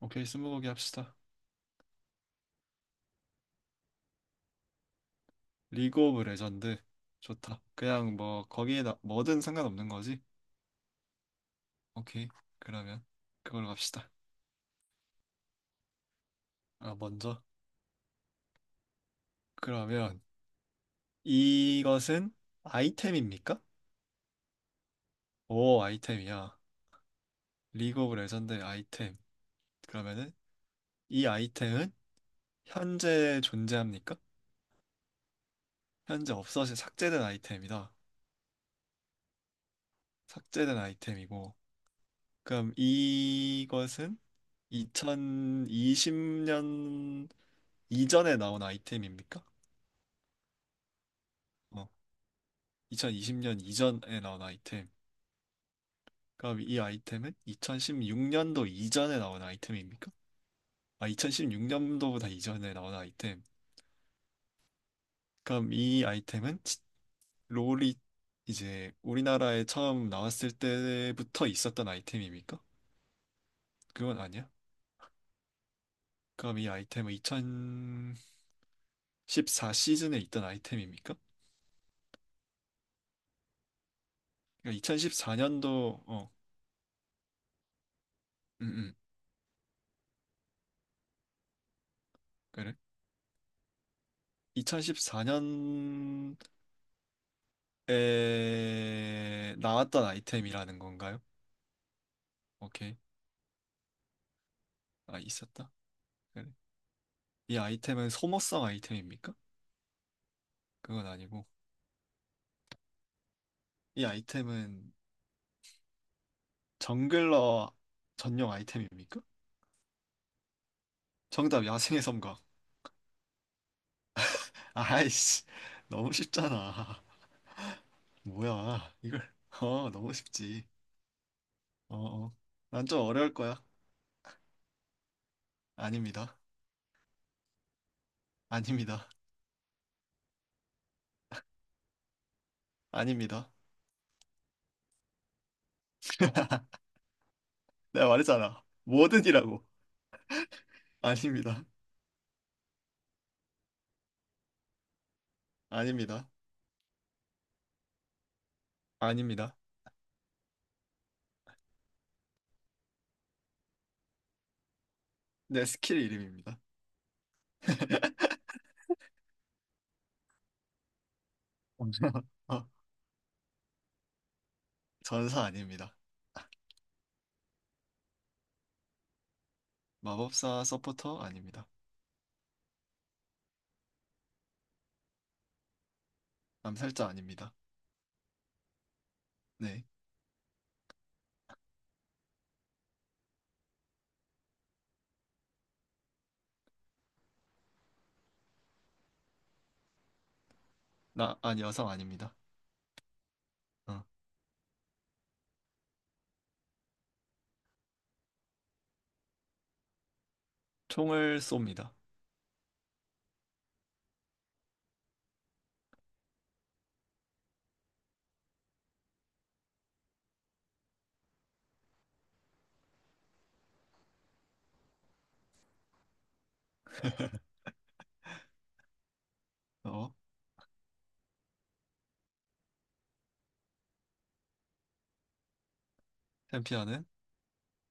오케이, 스무고개 합시다. 리그 오브 레전드. 좋다. 그냥 뭐, 거기에 나, 뭐든 상관없는 거지? 오케이. 그러면, 그걸로 갑시다. 아, 먼저. 그러면, 이것은 아이템입니까? 오, 아이템이야. 리그 오브 레전드의 아이템. 그러면은, 이 아이템은 현재 존재합니까? 현재 없어진 삭제된 아이템이다. 삭제된 아이템이고, 그럼 이것은 2020년 이전에 나온 아이템입니까? 어, 2020년 이전에 나온 아이템. 그럼 이 아이템은 2016년도 이전에 나온 아이템입니까? 아, 2016년도보다 이전에 나온 아이템. 그럼 이 아이템은 롤이 이제 우리나라에 처음 나왔을 때부터 있었던 아이템입니까? 그건 아니야. 그럼 이 아이템은 2014 시즌에 있던 아이템입니까? 그러니까 2014년도 . 음, 음, 그래. 2014년에 나왔던 아이템이라는 건가요? 오케이. 아, 있었다. 그래. 이 아이템은 소모성 아이템입니까? 그건 아니고. 이 아이템은 정글러 전용 아이템입니까? 정답, 야생의 섬광. 아이씨, 너무 쉽잖아. 뭐야, 이걸. 어, 너무 쉽지. 어, 어. 난 좀 어려울 거야. 아닙니다. 아닙니다. 아닙니다. 내가 말했잖아. 뭐든이라고. 아닙니다. 아닙니다. 아닙니다. 내 스킬 이름입니다. 어, 전사 아닙니다. 마법사 서포터 아닙니다. 암살자 아닙니다. 네. 나, 아니, 여성 아닙니다. 어. 총을 쏩니다. 어. 챔피언은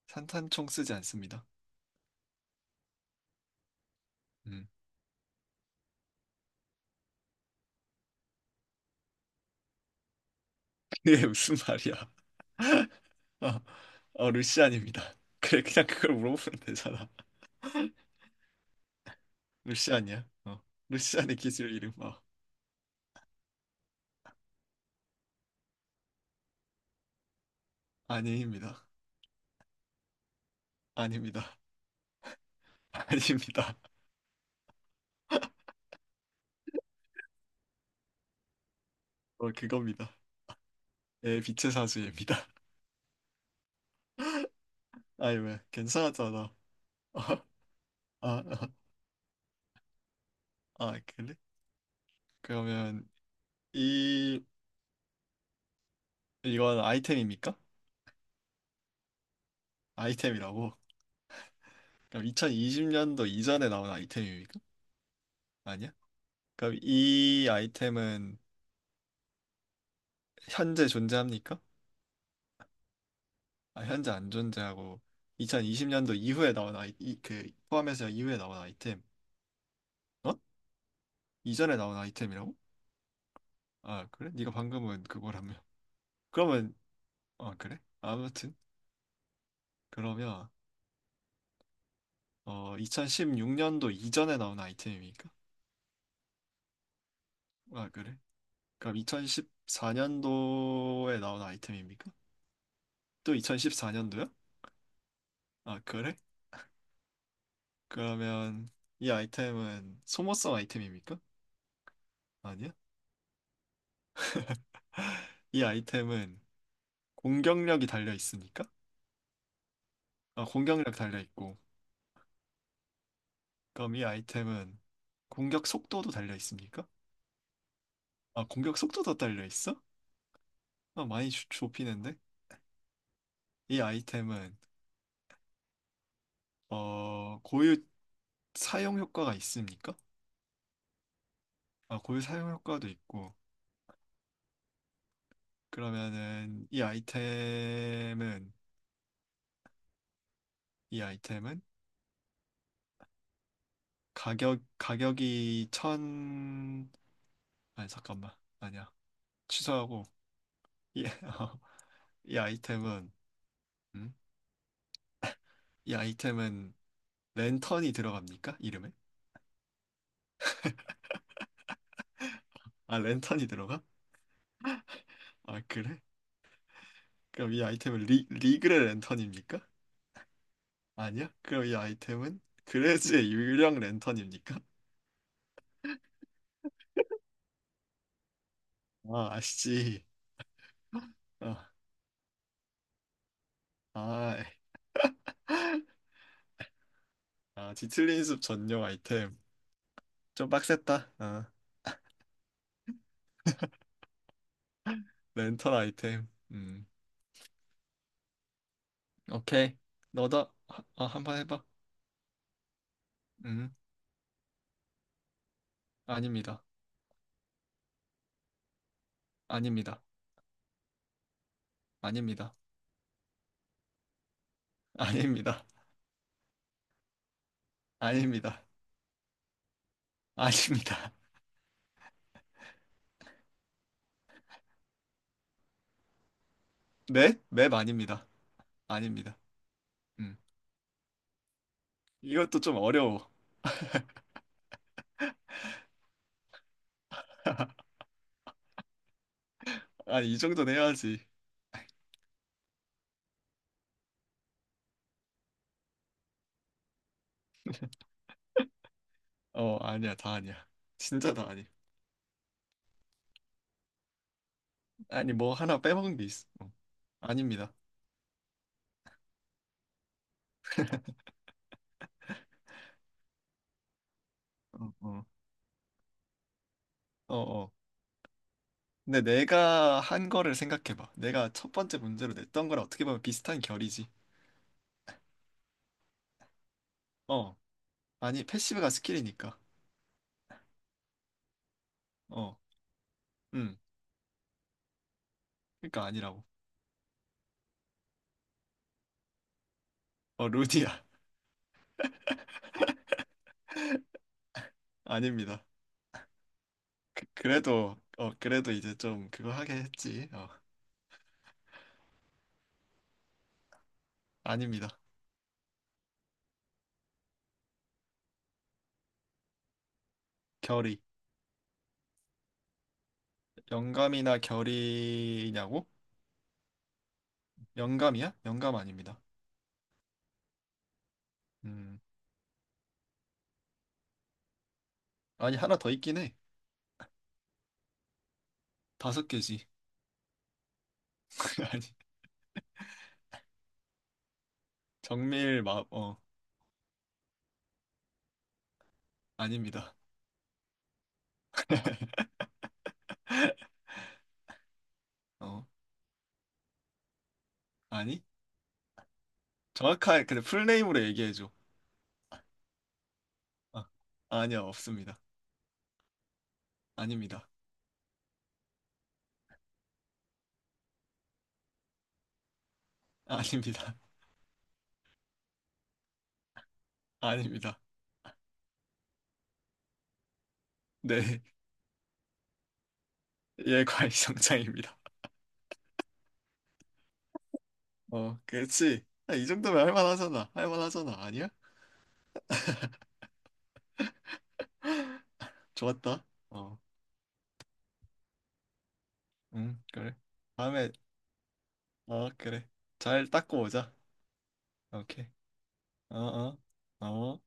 산탄총 쓰지 않습니다. 음. 그게 무슨 말이야. 어, 어, 루시안입니다. 그래, 그냥 그걸 물어보면 되잖아. 루시안이야. 어. 루시안의 기술 이름. 어. 아닙니다. 아닙니다. 아닙니다. 어, 그겁니다. 예, 빛의 사수입니다. 아이, 왜, 괜찮았잖아. 아, 아, 아, 그래? 그러면, 이, 이건 아이템입니까? 아이템이라고? 그럼 2020년도 이전에 나온 아이템입니까? 아니야? 그럼 이 아이템은 현재 존재합니까? 아, 현재 안 존재하고, 2020년도 이후에 나온 포함해서 이후에 나온 아이템. 어? 이전에 나온 아이템이라고? 아, 그래? 네가 방금은 그거라며. 그러면, 아, 그래? 아무튼. 그러면 2016년도 이전에 나온 아이템입니까? 아, 그래? 그럼 2014년도에 나온 아이템입니까? 또 2014년도야? 아, 그래? 그러면 이 아이템은 소모성 아이템입니까? 아니야? 이 아이템은 공격력이 달려 있습니까? 아, 공격력 달려 있고, 그럼 이 아이템은 공격 속도도 달려 있습니까? 아, 공격 속도도 달려 있어? 아, 많이 좁히는데? 이 아이템은 어, 고유 사용 효과가 있습니까? 아, 고유 사용 효과도 있고. 그러면은 이 아이템은 이 아이템은 가격 가격이 천 아니 잠깐만. 아니야. 취소하고 이, 이 아이템은 음? 이 아이템은 랜턴이 들어갑니까? 이름에? 아, 랜턴이 들어가? 아, 그래? 그럼 이 아이템은 리그의 랜턴입니까? 아니야? 그럼 이 아이템은 그레즈의 유령 랜턴입니까? 아, 아시지. 어. 아, 뒤틀린 숲 전용 아이템. 좀 빡셌다. 아, 렌털 아이템. 음. 오케이. 너도 한번 해봐. 음. 아닙니다. 아닙니다. 아닙니다. 아닙니다. 아닙니다. 아닙니다. 네? 맵 아닙니다. 아닙니다. 음. 이것도 좀 어려워. 아니, 이 정도는 해야지. 어, 아니야. 다 아니야. 진짜 다 아니야. 아니, 뭐 하나 빼먹은 게 있어. 어. 아닙니다. 어, 어. 어, 어. 근데 내가 한 거를 생각해봐. 내가 첫 번째 문제로 냈던 거랑 어떻게 보면 비슷한 결이지. 어, 아니, 패시브가 스킬이니까. 어, 음, 그러니까 아니라고. 어, 루디야. 아닙니다. 그, 그래도, 어, 그래도 이제 좀 그거 하게 했지. 어, 아닙니다. 결이. 영감이나 결이냐고? 영감이야? 영감 아닙니다. 음, 아니, 하나 더 있긴 해. 다섯 개지. 아니, 정밀 마, 어, 아닙니다. 어, 아니? 정확하게, 근데 풀네임으로 얘기해줘. 아, 아니요, 없습니다. 아닙니다. 아닙니다. 아닙니다. 네, 예, 과일성장입니다. 어, 그렇지. 아, 이 정도면 할만하잖아. 할만하잖아. 아니야? 좋았다. 어, 응, 그래. 다음에, 어, 그래. 잘 닦고 오자. 오케이. 어, 어, 어.